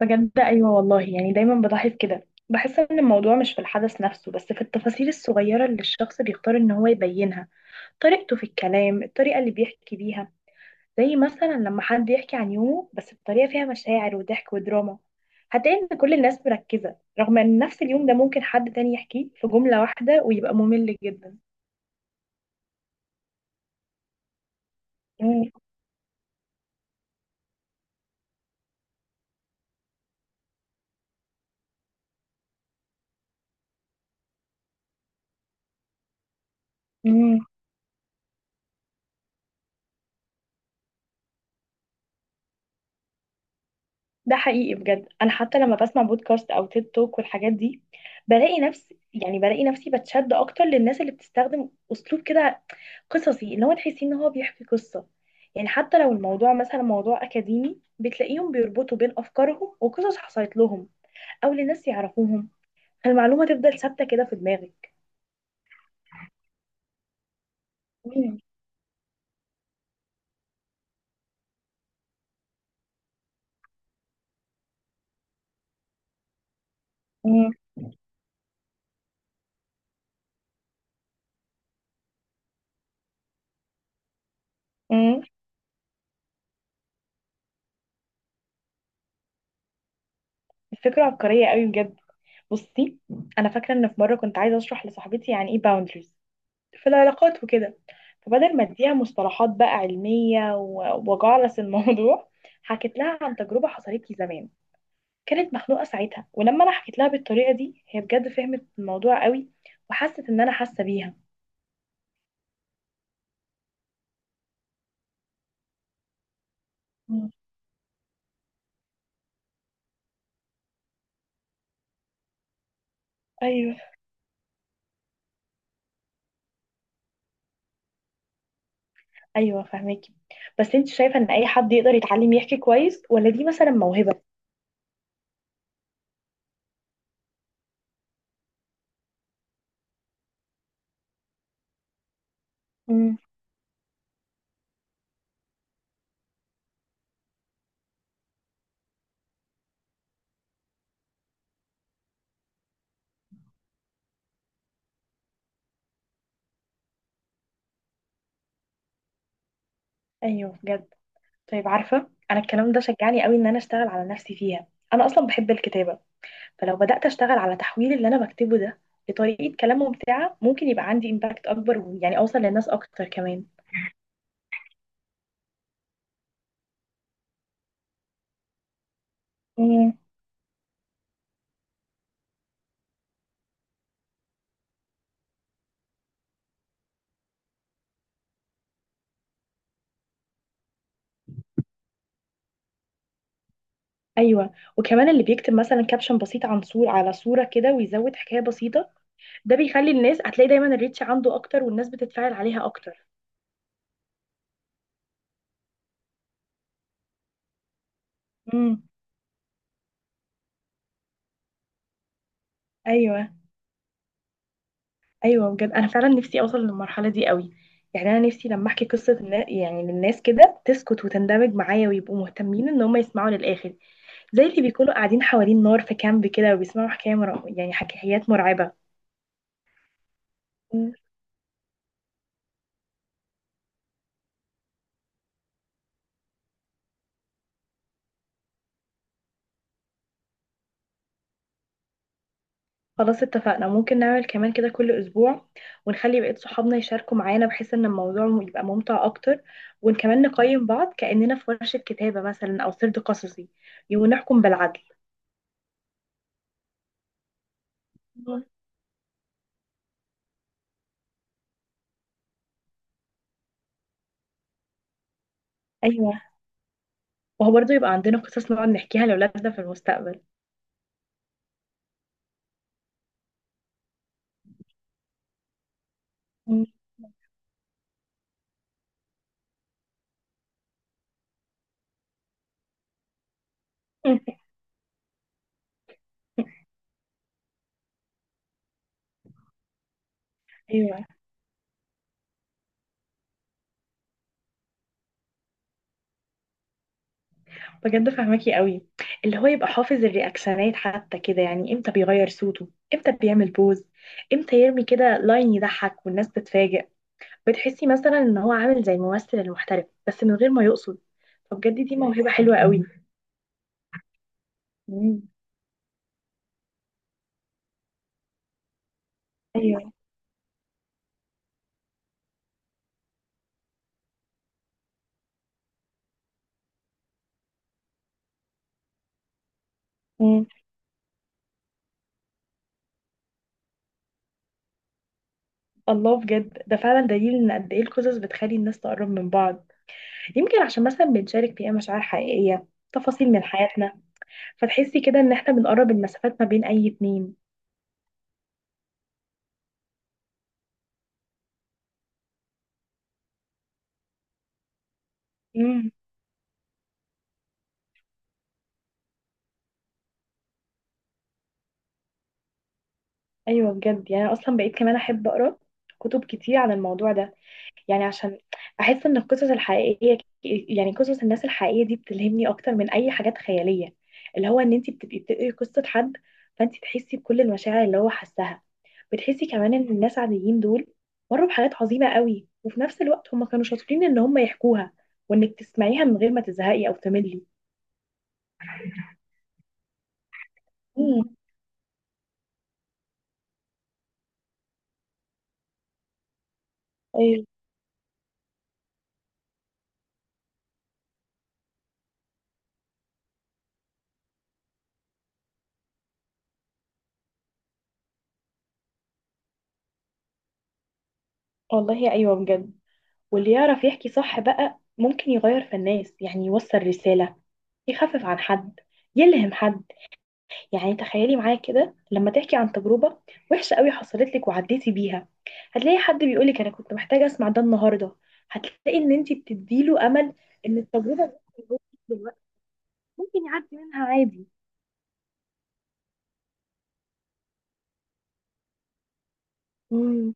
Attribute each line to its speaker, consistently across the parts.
Speaker 1: بجد ايوه والله. يعني دايما بلاحظ كده، بحس ان الموضوع مش في الحدث نفسه، بس في التفاصيل الصغيره اللي الشخص بيختار ان هو يبينها. طريقته في الكلام، الطريقه اللي بيحكي بيها. زي مثلا لما حد يحكي عن يومه بس بطريقه فيها مشاعر وضحك ودراما، هتلاقي ان كل الناس مركزه، رغم ان نفس اليوم ده ممكن حد تاني يحكيه في جمله واحده ويبقى ممل جدا. مم. ده حقيقي بجد. انا حتى لما بسمع بودكاست او تيد توك والحاجات دي، بلاقي نفسي بتشد اكتر للناس اللي بتستخدم اسلوب كده، قصصي، اللي هو تحسي ان هو بيحكي قصة. يعني حتى لو الموضوع مثلا موضوع اكاديمي، بتلاقيهم بيربطوا بين افكارهم وقصص حصلت لهم او لناس يعرفوهم، فالمعلومة تفضل ثابتة كده في دماغك. مم. مم. مم. الفكرة عبقرية قوي بجد. بصي، انا فاكرة ان في مرة كنت عايزة اشرح لصاحبتي يعني ايه باوندريز في العلاقات وكده. فبدل ما اديها مصطلحات بقى علمية وجعلس الموضوع، حكيت لها عن تجربة حصلت لي زمان. كانت مخنوقة ساعتها، ولما انا حكيت لها بالطريقة دي، هي بجد فهمت الموضوع قوي وحست ان انا حاسة بيها. مم. ايوه، ايوه فهماكي. بس انت شايفة ان اي حد يقدر يتعلم يحكي كويس، ولا دي مثلا موهبة؟ امم. ايوه بجد. طيب، عارفة، انا الكلام ده شجعني قوي ان انا اشتغل على نفسي فيها. انا اصلا بحب الكتابة، فلو بدأت أشتغل على تحويل اللي أنا بكتبه ده لطريقة كلام ممتعة، ممكن يبقى عندي إمباكت أكبر ويعني أوصل للناس أكتر كمان. مم. أيوة. وكمان اللي بيكتب مثلا كابشن بسيط عن صورة على صورة كده ويزود حكاية بسيطة، ده بيخلي الناس هتلاقي دايما الريتش عنده أكتر والناس بتتفاعل عليها أكتر. مم. أيوة. ايوه بجد، انا فعلا نفسي اوصل للمرحله دي قوي. يعني انا نفسي لما احكي قصه يعني للناس كده، تسكت وتندمج معايا ويبقوا مهتمين ان هم يسمعوا للاخر. زي اللي بيكونوا قاعدين حوالين نار في كامب كده وبيسمعوا يعني حكايات مرعبه. مم. خلاص، اتفقنا. ممكن نعمل كمان كده كل اسبوع، ونخلي بقية صحابنا يشاركوا معانا بحيث ان الموضوع يبقى ممتع اكتر، وكمان نقيم بعض كأننا في ورشة كتابة مثلا او سرد قصصي، ونحكم بالعدل. مم. أيوة. وهو برضه يبقى عندنا قصص نقعد نحكيها لأولادنا في المستقبل. مم. ايوه بجد فهماكي قوي. اللي هو يبقى حافظ الرياكشنات حتى كده، يعني امتى بيغير صوته، امتى بيعمل بوز، امتى يرمي كده لاين يضحك والناس تتفاجئ. بتحسي مثلا ان هو عامل زي الممثل المحترف بس من غير ما يقصد. فبجد دي موهبة حلوة قوي. مم. ايوه. مم. الله. بجد ده فعلا دليل ان قد ايه القصص بتخلي الناس تقرب من بعض. يمكن عشان مثلا بنشارك فيها مشاعر حقيقية، تفاصيل من حياتنا، فتحسي كده ان احنا بنقرب المسافات ما بين اي اتنين. امم. ايوه بجد. يعني أنا اصلا بقيت كمان احب اقرا كتب كتير عن الموضوع ده. يعني عشان احس ان القصص الحقيقيه، يعني قصص الناس الحقيقيه دي، بتلهمني اكتر من اي حاجات خياليه. اللي هو ان انت بتبقي بتقري قصه حد، فانت تحسي بكل المشاعر اللي هو حسها. بتحسي كمان ان الناس عاديين دول مروا بحاجات عظيمه قوي، وفي نفس الوقت هم كانوا شاطرين ان هم يحكوها، وانك تسمعيها من غير ما تزهقي او تملي. امم. ايوه والله. ايوه بجد. واللي يعرف يحكي صح بقى ممكن يغير في الناس، يعني يوصل رسالة، يخفف عن حد، يلهم حد. يعني تخيلي معايا كده، لما تحكي عن تجربة وحشة قوي حصلت لك وعديتي بيها، هتلاقي حد بيقولك انا كنت محتاجة اسمع ده النهاردة. هتلاقي ان انت بتديله امل، ان التجربة اللي هو فيه دلوقتي ممكن يعدي منها عادي. امم.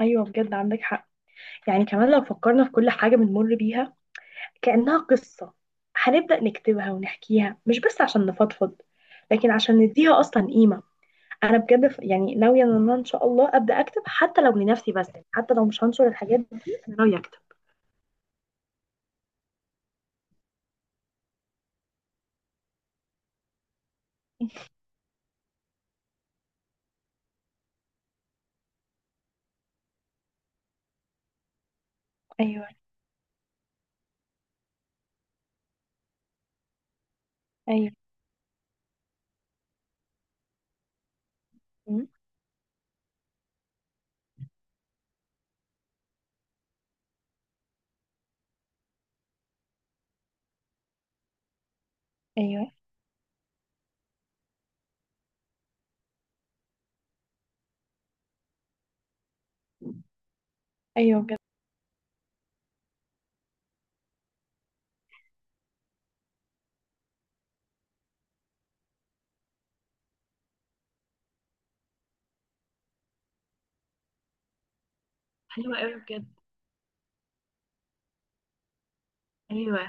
Speaker 1: ايوه بجد عندك حق. يعني كمان لو فكرنا في كل حاجة بنمر بيها كأنها قصة، هنبدأ نكتبها ونحكيها، مش بس عشان نفضفض، لكن عشان نديها أصلا قيمة. أنا بجد يعني ناوية إن أنا إن شاء الله أبدأ أكتب، حتى لو لنفسي بس، حتى لو مش هنشر الحاجات دي، أنا ناوية أكتب. ايوه، ايوه. مم. ايوه، ايوه بجد. حلوة قوي بجد. ايوه،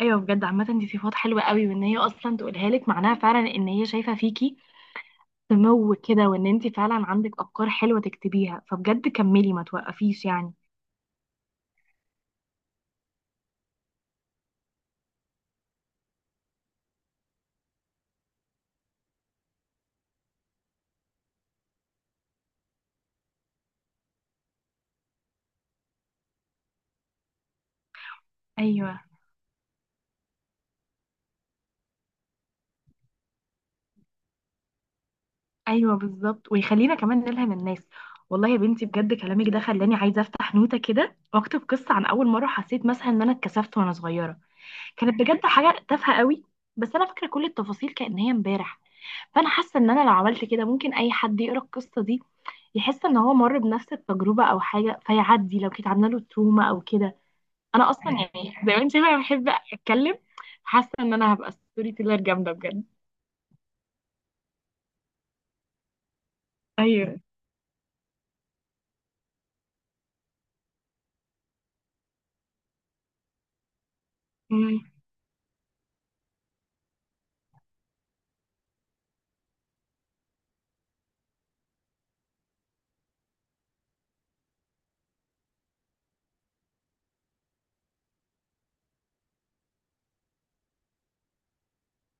Speaker 1: ايوه بجد عامة دي صفات حلوة قوي، وان هي اصلا تقولها لك معناها فعلا ان هي شايفة فيكي سمو كده، وان انت فعلا عندك افكار حلوة تكتبيها، فبجد كملي ما توقفيش يعني. ايوه، ايوه بالظبط، ويخلينا كمان نلهم الناس. والله يا بنتي بجد كلامك ده خلاني عايزه افتح نوته كده واكتب قصه عن اول مره حسيت مثلا ان انا اتكسفت وانا صغيره. كانت بجد حاجه تافهه قوي، بس انا فاكره كل التفاصيل كأن هي امبارح. فانا حاسه ان انا لو عملت كده، ممكن اي حد يقرا القصه دي يحس ان هو مر بنفس التجربه او حاجه، فيعدي لو كانت عامله له تروما او كده. انا اصلا يعني زي ما انت شايفه أنا بحب اتكلم. حاسه ان انا هبقى ستوري تيلر جامده بجد. ايوه